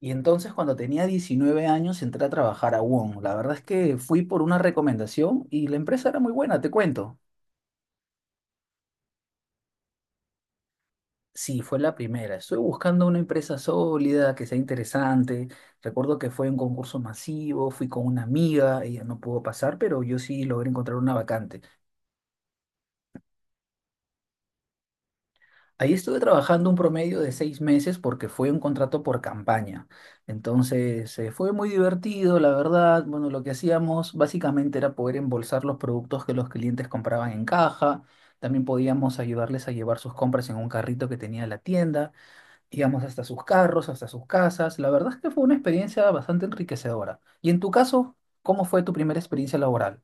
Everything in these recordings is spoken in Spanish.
Y entonces cuando tenía 19 años entré a trabajar a Wong. La verdad es que fui por una recomendación y la empresa era muy buena, te cuento. Sí, fue la primera. Estoy buscando una empresa sólida, que sea interesante. Recuerdo que fue un concurso masivo, fui con una amiga, ella no pudo pasar, pero yo sí logré encontrar una vacante. Ahí estuve trabajando un promedio de seis meses porque fue un contrato por campaña. Entonces, fue muy divertido, la verdad. Bueno, lo que hacíamos básicamente era poder embolsar los productos que los clientes compraban en caja. También podíamos ayudarles a llevar sus compras en un carrito que tenía la tienda. Íbamos hasta sus carros, hasta sus casas. La verdad es que fue una experiencia bastante enriquecedora. Y en tu caso, ¿cómo fue tu primera experiencia laboral?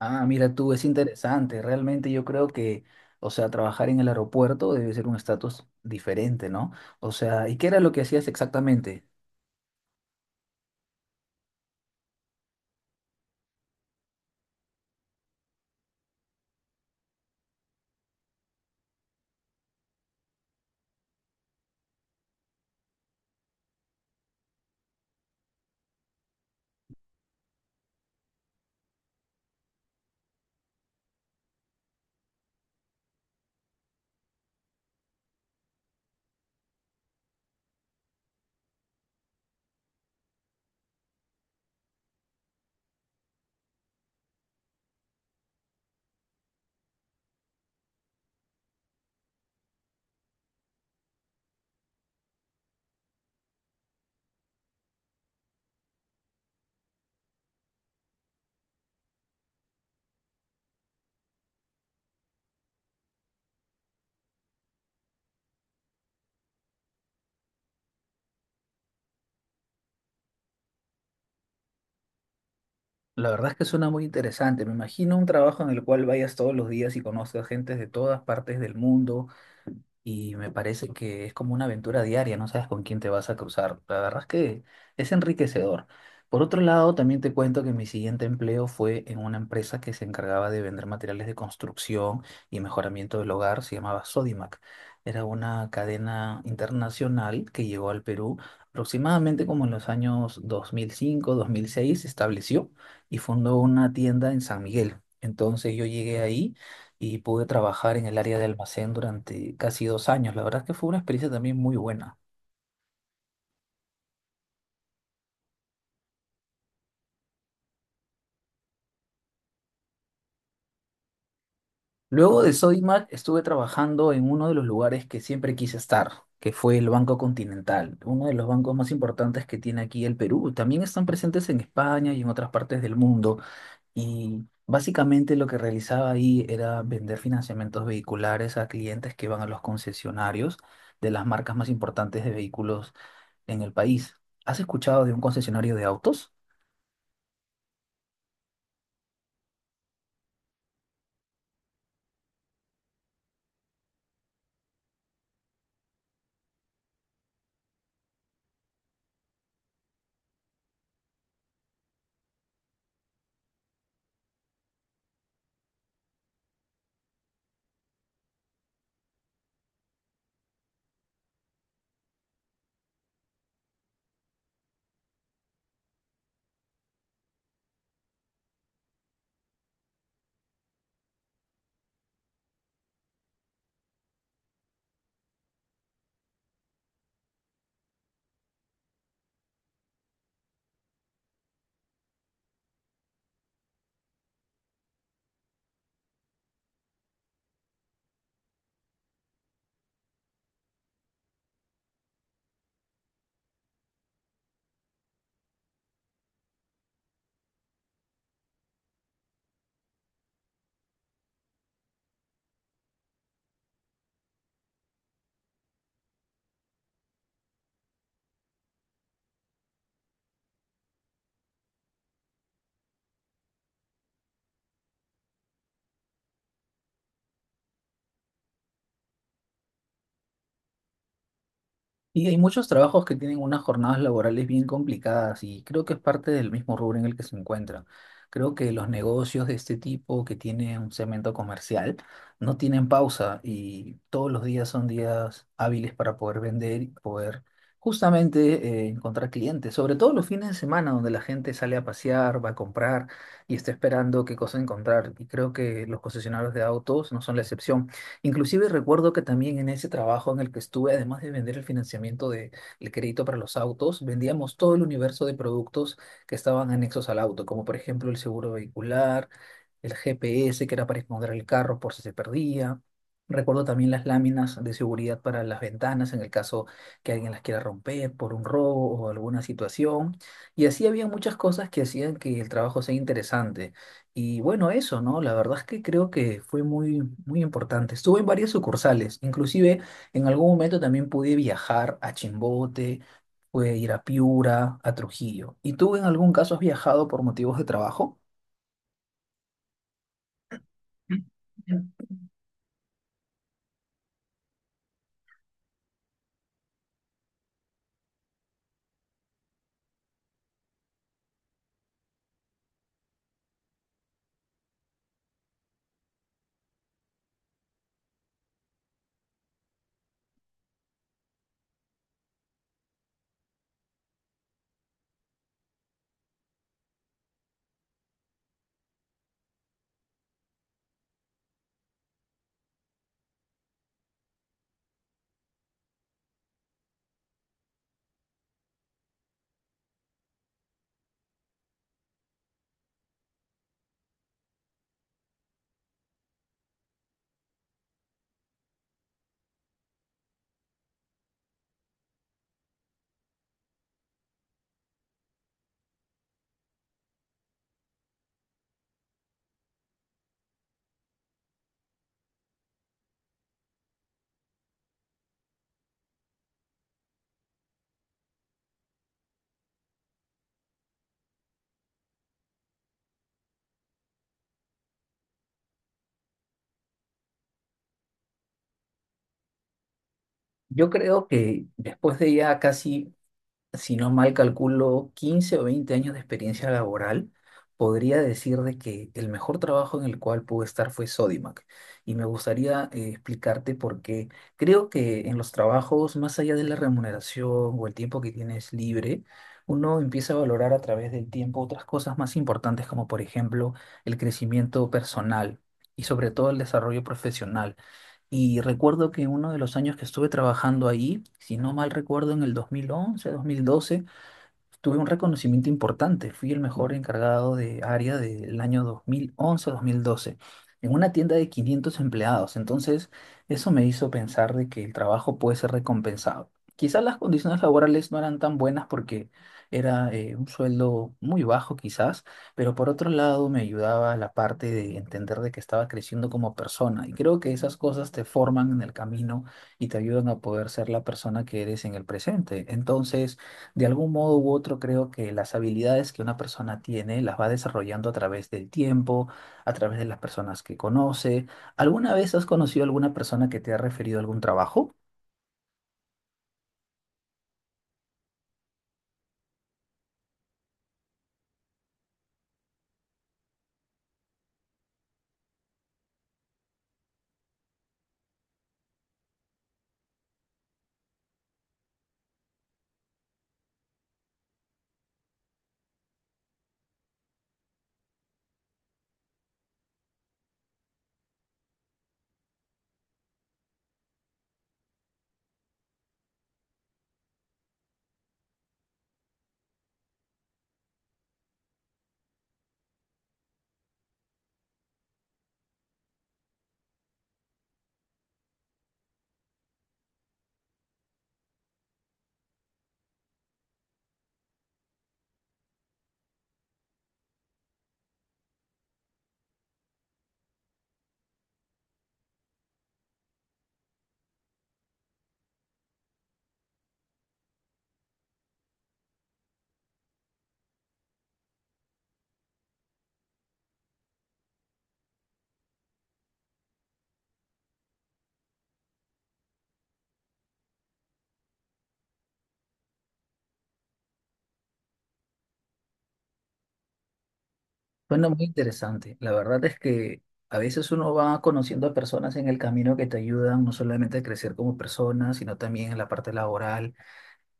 Ah, mira tú, es interesante. Realmente yo creo que, o sea, trabajar en el aeropuerto debe ser un estatus diferente, ¿no? O sea, ¿y qué era lo que hacías exactamente? La verdad es que suena muy interesante. Me imagino un trabajo en el cual vayas todos los días y conozcas gente de todas partes del mundo. Y me parece que es como una aventura diaria, no sabes con quién te vas a cruzar. La verdad es que es enriquecedor. Por otro lado, también te cuento que mi siguiente empleo fue en una empresa que se encargaba de vender materiales de construcción y mejoramiento del hogar, se llamaba Sodimac. Era una cadena internacional que llegó al Perú aproximadamente como en los años 2005, 2006, se estableció y fundó una tienda en San Miguel. Entonces yo llegué ahí y pude trabajar en el área de almacén durante casi dos años. La verdad es que fue una experiencia también muy buena. Luego de Sodimac estuve trabajando en uno de los lugares que siempre quise estar, que fue el Banco Continental, uno de los bancos más importantes que tiene aquí el Perú. También están presentes en España y en otras partes del mundo. Y básicamente lo que realizaba ahí era vender financiamientos vehiculares a clientes que van a los concesionarios de las marcas más importantes de vehículos en el país. ¿Has escuchado de un concesionario de autos? Y hay muchos trabajos que tienen unas jornadas laborales bien complicadas y creo que es parte del mismo rubro en el que se encuentran. Creo que los negocios de este tipo que tienen un segmento comercial no tienen pausa y todos los días son días hábiles para poder vender y poder justamente encontrar clientes, sobre todo los fines de semana donde la gente sale a pasear, va a comprar y está esperando qué cosa encontrar. Y creo que los concesionarios de autos no son la excepción. Inclusive recuerdo que también en ese trabajo en el que estuve, además de vender el financiamiento del crédito para los autos, vendíamos todo el universo de productos que estaban anexos al auto, como por ejemplo el seguro vehicular, el GPS que era para esconder el carro por si se perdía. Recuerdo también las láminas de seguridad para las ventanas en el caso que alguien las quiera romper por un robo o alguna situación. Y así había muchas cosas que hacían que el trabajo sea interesante. Y bueno, eso, ¿no? La verdad es que creo que fue muy, muy importante. Estuve en varias sucursales, inclusive en algún momento también pude viajar a Chimbote, pude ir a Piura, a Trujillo. ¿Y tú en algún caso has viajado por motivos de trabajo? Yo creo que después de ya casi, si no mal calculo, 15 o 20 años de experiencia laboral, podría decir de que el mejor trabajo en el cual pude estar fue Sodimac. Y me gustaría explicarte por qué. Creo que en los trabajos, más allá de la remuneración o el tiempo que tienes libre, uno empieza a valorar a través del tiempo otras cosas más importantes, como por ejemplo el crecimiento personal y sobre todo el desarrollo profesional. Y recuerdo que uno de los años que estuve trabajando ahí, si no mal recuerdo, en el dos mil once dos mil doce tuve un reconocimiento importante. Fui el mejor encargado de área del año 2011-2012 en una tienda de 500 empleados. Entonces, eso me hizo pensar de que el trabajo puede ser recompensado. Quizás las condiciones laborales no eran tan buenas porque era un sueldo muy bajo quizás, pero por otro lado me ayudaba la parte de entender de que estaba creciendo como persona. Y creo que esas cosas te forman en el camino y te ayudan a poder ser la persona que eres en el presente. Entonces, de algún modo u otro, creo que las habilidades que una persona tiene las va desarrollando a través del tiempo, a través de las personas que conoce. ¿Alguna vez has conocido a alguna persona que te ha referido algún trabajo? Bueno, muy interesante. La verdad es que a veces uno va conociendo a personas en el camino que te ayudan no solamente a crecer como persona, sino también en la parte laboral.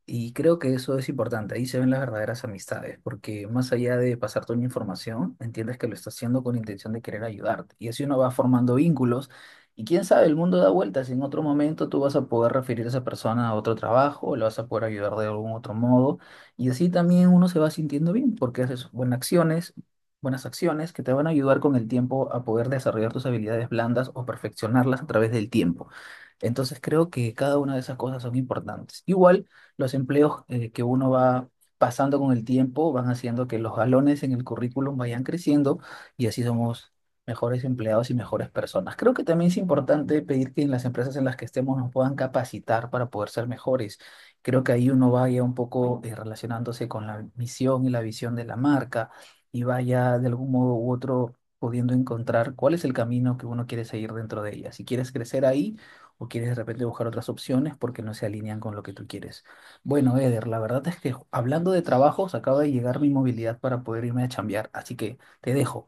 Y creo que eso es importante, ahí se ven las verdaderas amistades, porque más allá de pasarte una información, entiendes que lo estás haciendo con intención de querer ayudarte. Y así uno va formando vínculos y quién sabe, el mundo da vueltas. En otro momento tú vas a poder referir a esa persona a otro trabajo, lo vas a poder ayudar de algún otro modo. Y así también uno se va sintiendo bien, porque haces buenas acciones que te van a ayudar con el tiempo a poder desarrollar tus habilidades blandas o perfeccionarlas a través del tiempo. Entonces creo que cada una de esas cosas son importantes. Igual los empleos que uno va pasando con el tiempo van haciendo que los galones en el currículum vayan creciendo y así somos mejores empleados y mejores personas. Creo que también es importante pedir que en las empresas en las que estemos nos puedan capacitar para poder ser mejores. Creo que ahí uno vaya un poco relacionándose con la misión y la visión de la marca y vaya de algún modo u otro pudiendo encontrar cuál es el camino que uno quiere seguir dentro de ella. Si quieres crecer ahí o quieres de repente buscar otras opciones porque no se alinean con lo que tú quieres. Bueno, Eder, la verdad es que hablando de trabajos, acaba de llegar mi movilidad para poder irme a chambear, así que te dejo.